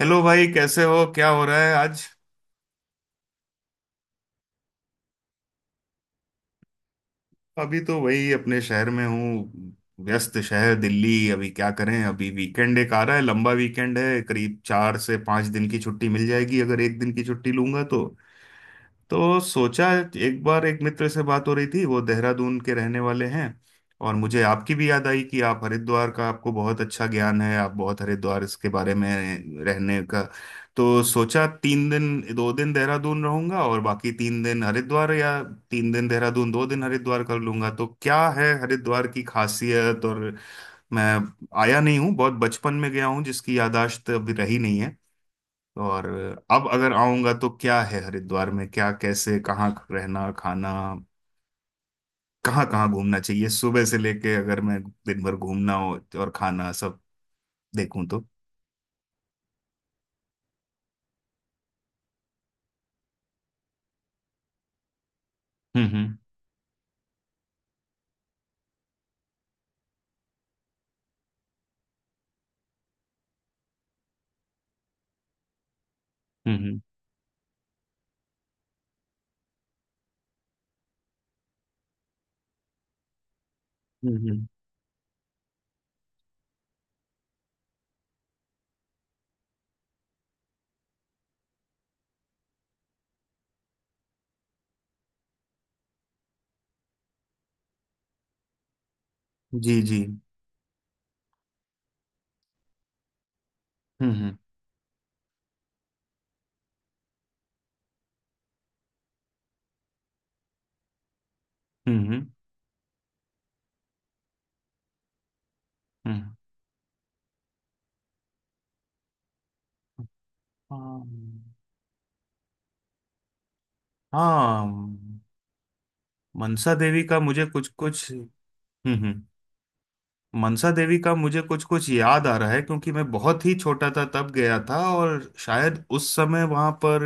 Hello भाई, कैसे हो? क्या हो रहा है आज? अभी तो वही, अपने शहर में हूँ। व्यस्त शहर दिल्ली। अभी क्या करें, अभी वीकेंड एक आ रहा है, लंबा वीकेंड है, करीब 4 से 5 दिन की छुट्टी मिल जाएगी अगर एक दिन की छुट्टी लूंगा तो। तो सोचा, एक बार एक मित्र से बात हो रही थी, वो देहरादून के रहने वाले हैं। और मुझे आपकी भी याद आई कि आप हरिद्वार का, आपको बहुत अच्छा ज्ञान है, आप बहुत हरिद्वार इसके बारे में रहने का। तो सोचा 3 दिन 2 दिन देहरादून रहूंगा और बाकी 3 दिन हरिद्वार, या 3 दिन देहरादून 2 दिन हरिद्वार कर लूंगा। तो क्या है हरिद्वार की खासियत? और मैं आया नहीं हूँ, बहुत बचपन में गया हूँ जिसकी याददाश्त अभी रही नहीं। और अब अगर आऊंगा तो क्या है हरिद्वार में, क्या कैसे कहाँ रहना खाना, कहाँ कहाँ घूमना चाहिए सुबह से लेके, अगर मैं दिन भर घूमना हो और खाना सब देखूं तो। हम्म। हम्म हम्म। जी जी। हम्म। हम्म हम्म हम्म। हाँ। हाँ। मनसा देवी का मुझे कुछ कुछ। हम्म। मनसा देवी का मुझे कुछ कुछ याद आ रहा है क्योंकि मैं बहुत ही छोटा था तब गया था, और शायद उस समय वहां पर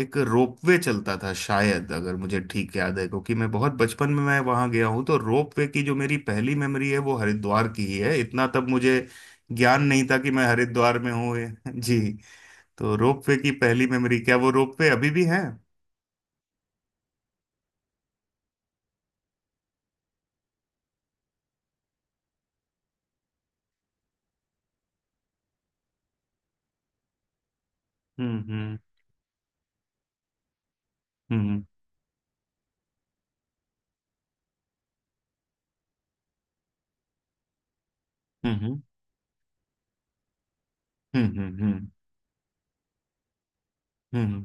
एक रोपवे चलता था शायद, अगर मुझे ठीक याद है। क्योंकि मैं बहुत बचपन में, मैं वहां गया हूँ तो रोपवे की जो मेरी पहली मेमोरी है वो हरिद्वार की ही है। इतना तब मुझे ज्ञान नहीं था कि मैं हरिद्वार में हूँ। जी, तो रोपवे की पहली मेमोरी। क्या वो रोपवे अभी भी है? हम्म। हम्म हम्म। हम्म। हम्म,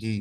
जी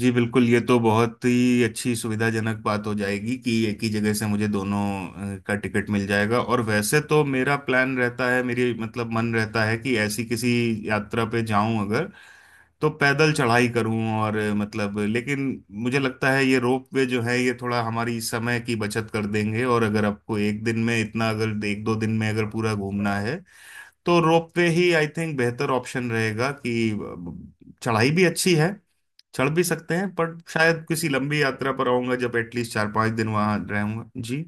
जी। बिल्कुल, ये तो बहुत ही अच्छी सुविधाजनक बात हो जाएगी कि एक ही जगह से मुझे दोनों का टिकट मिल जाएगा। और वैसे तो मेरा प्लान रहता है, मेरी मतलब मन रहता है कि ऐसी किसी यात्रा पे जाऊं अगर, तो पैदल चढ़ाई करूं, और मतलब लेकिन मुझे लगता है ये रोप वे जो है ये थोड़ा हमारी समय की बचत कर देंगे। और अगर आपको एक दिन में इतना, अगर एक दो दिन में अगर पूरा घूमना है तो रोप वे ही आई थिंक बेहतर ऑप्शन रहेगा कि चढ़ाई भी अच्छी है, चढ़ भी सकते हैं, पर शायद किसी लंबी यात्रा पर आऊंगा जब, एटलीस्ट 4-5 दिन वहां रहूंगा। जी।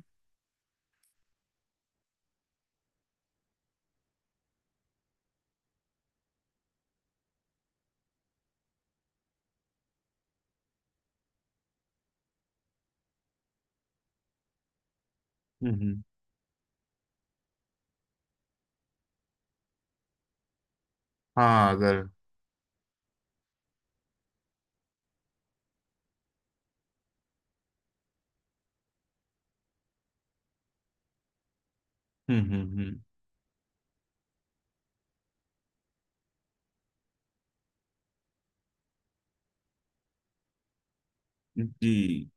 हम्म। हाँ अगर। हम्म। जी।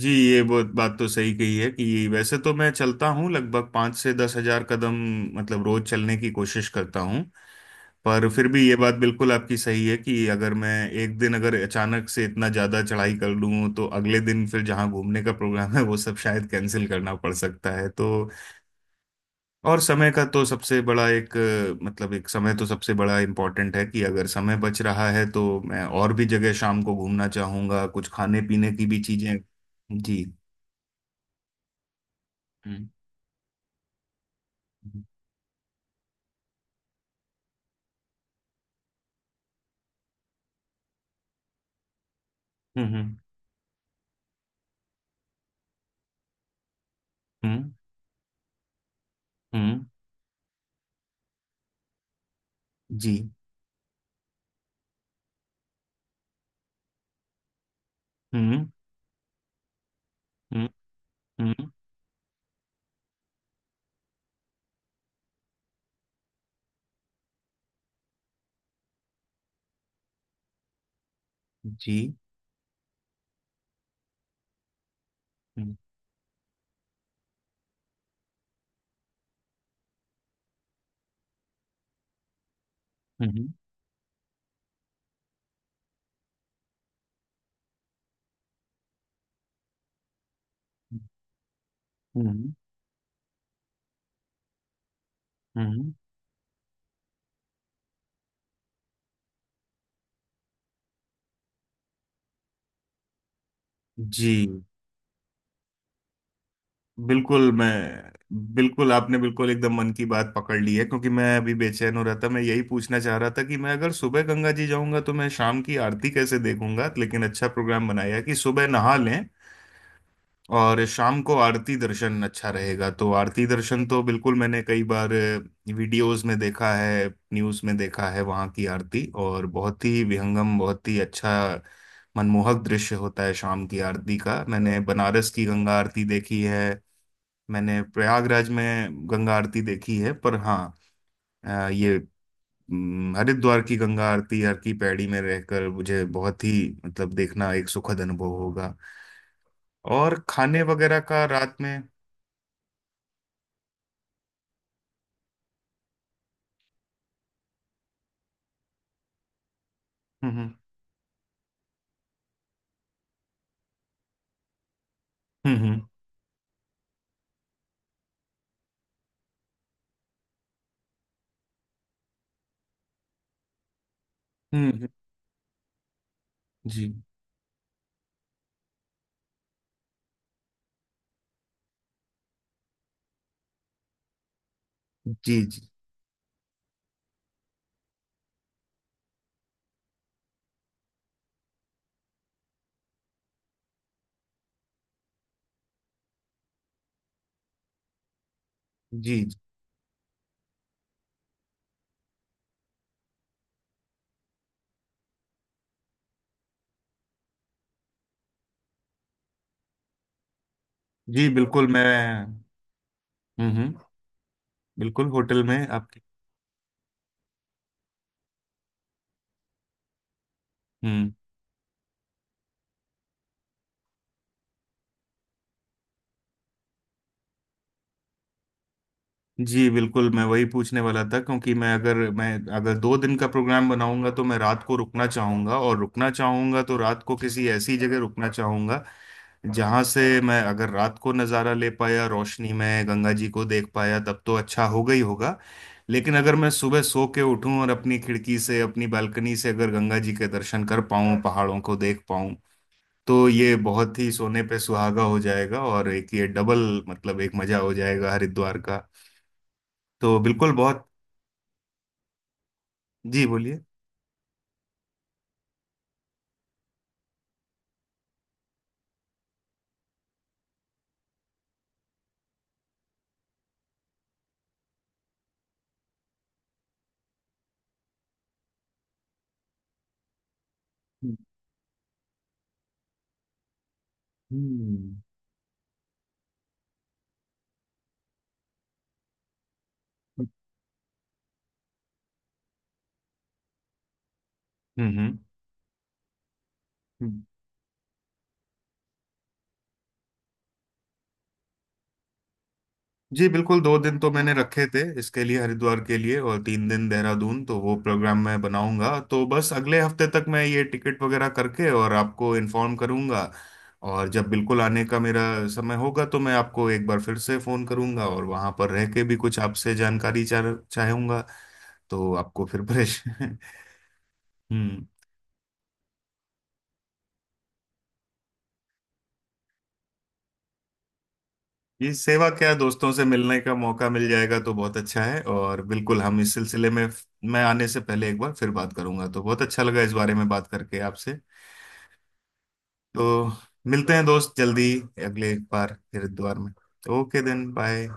जी, ये बहुत बात तो सही कही है कि वैसे तो मैं चलता हूँ लगभग 5 से 10,000 कदम, मतलब रोज चलने की कोशिश करता हूँ। पर फिर भी ये बात बिल्कुल आपकी सही है कि अगर मैं एक दिन अगर अचानक से इतना ज्यादा चढ़ाई कर लूँ तो अगले दिन फिर जहाँ घूमने का प्रोग्राम है वो सब शायद कैंसिल करना पड़ सकता है तो। और समय का तो सबसे बड़ा एक मतलब एक समय तो सबसे बड़ा इम्पोर्टेंट है कि अगर समय बच रहा है तो मैं और भी जगह शाम को घूमना चाहूंगा, कुछ खाने पीने की भी चीजें। जी। हम्म हम्म। हम्म हम्म, जी। हम्म हम्म हम्म। जी। हम्म हम्म हम्म हम्म, जी बिल्कुल, मैं। बिल्कुल आपने बिल्कुल एकदम मन की बात पकड़ ली है क्योंकि मैं अभी बेचैन हो रहा था, मैं यही पूछना चाह रहा था कि मैं अगर सुबह गंगा जी जाऊंगा तो मैं शाम की आरती कैसे देखूंगा। लेकिन अच्छा प्रोग्राम बनाया कि सुबह नहा लें और शाम को आरती दर्शन अच्छा रहेगा। तो आरती दर्शन तो बिल्कुल मैंने कई बार वीडियोस में देखा है, न्यूज़ में देखा है वहाँ की आरती, और बहुत ही विहंगम, बहुत ही अच्छा मनमोहक दृश्य होता है शाम की आरती का। मैंने बनारस की गंगा आरती देखी है, मैंने प्रयागराज में गंगा आरती देखी है, पर हाँ ये हरिद्वार की गंगा आरती यार की पैड़ी में रहकर मुझे बहुत ही, मतलब देखना एक सुखद अनुभव होगा। और खाने वगैरह का रात में? हम्म हम्म। हम्म हम्म, हम्म, जी जी। जी जी। जी बिल्कुल, मैं। हम्म। बिल्कुल होटल में आपके। हम्म, जी बिल्कुल, मैं वही पूछने वाला था क्योंकि मैं अगर 2 दिन का प्रोग्राम बनाऊंगा तो मैं रात को रुकना चाहूंगा, और रुकना चाहूंगा तो रात को किसी ऐसी जगह रुकना चाहूंगा जहां से मैं अगर रात को नज़ारा ले पाया, रोशनी में गंगा जी को देख पाया तब तो अच्छा होगा ही होगा। लेकिन अगर मैं सुबह सो के उठूं और अपनी खिड़की से अपनी बालकनी से अगर गंगा जी के दर्शन कर पाऊं, पहाड़ों को देख पाऊं तो ये बहुत ही सोने पे सुहागा हो जाएगा। और एक ये डबल, मतलब एक मजा हो जाएगा हरिद्वार का। तो बिल्कुल बहुत। जी बोलिए। हम्म हम्म। हम्म। जी बिल्कुल, 2 दिन तो मैंने रखे थे इसके लिए, हरिद्वार के लिए, और 3 दिन देहरादून। तो वो प्रोग्राम मैं बनाऊंगा तो बस अगले हफ्ते तक मैं ये टिकट वगैरह करके और आपको इन्फॉर्म करूंगा। और जब बिल्कुल आने का मेरा समय होगा तो मैं आपको एक बार फिर से फोन करूंगा, और वहां पर रह के भी कुछ आपसे जानकारी चाहूंगा। तो आपको फिर परेशान। हम्म। ये सेवा क्या है, दोस्तों से मिलने का मौका मिल जाएगा तो बहुत अच्छा है। और बिल्कुल हम इस सिलसिले में, मैं आने से पहले एक बार फिर बात करूंगा। तो बहुत अच्छा लगा इस बारे में बात करके आपसे। तो मिलते हैं दोस्त जल्दी, अगले एक बार फिर द्वार में। तो ओके देन, बाय।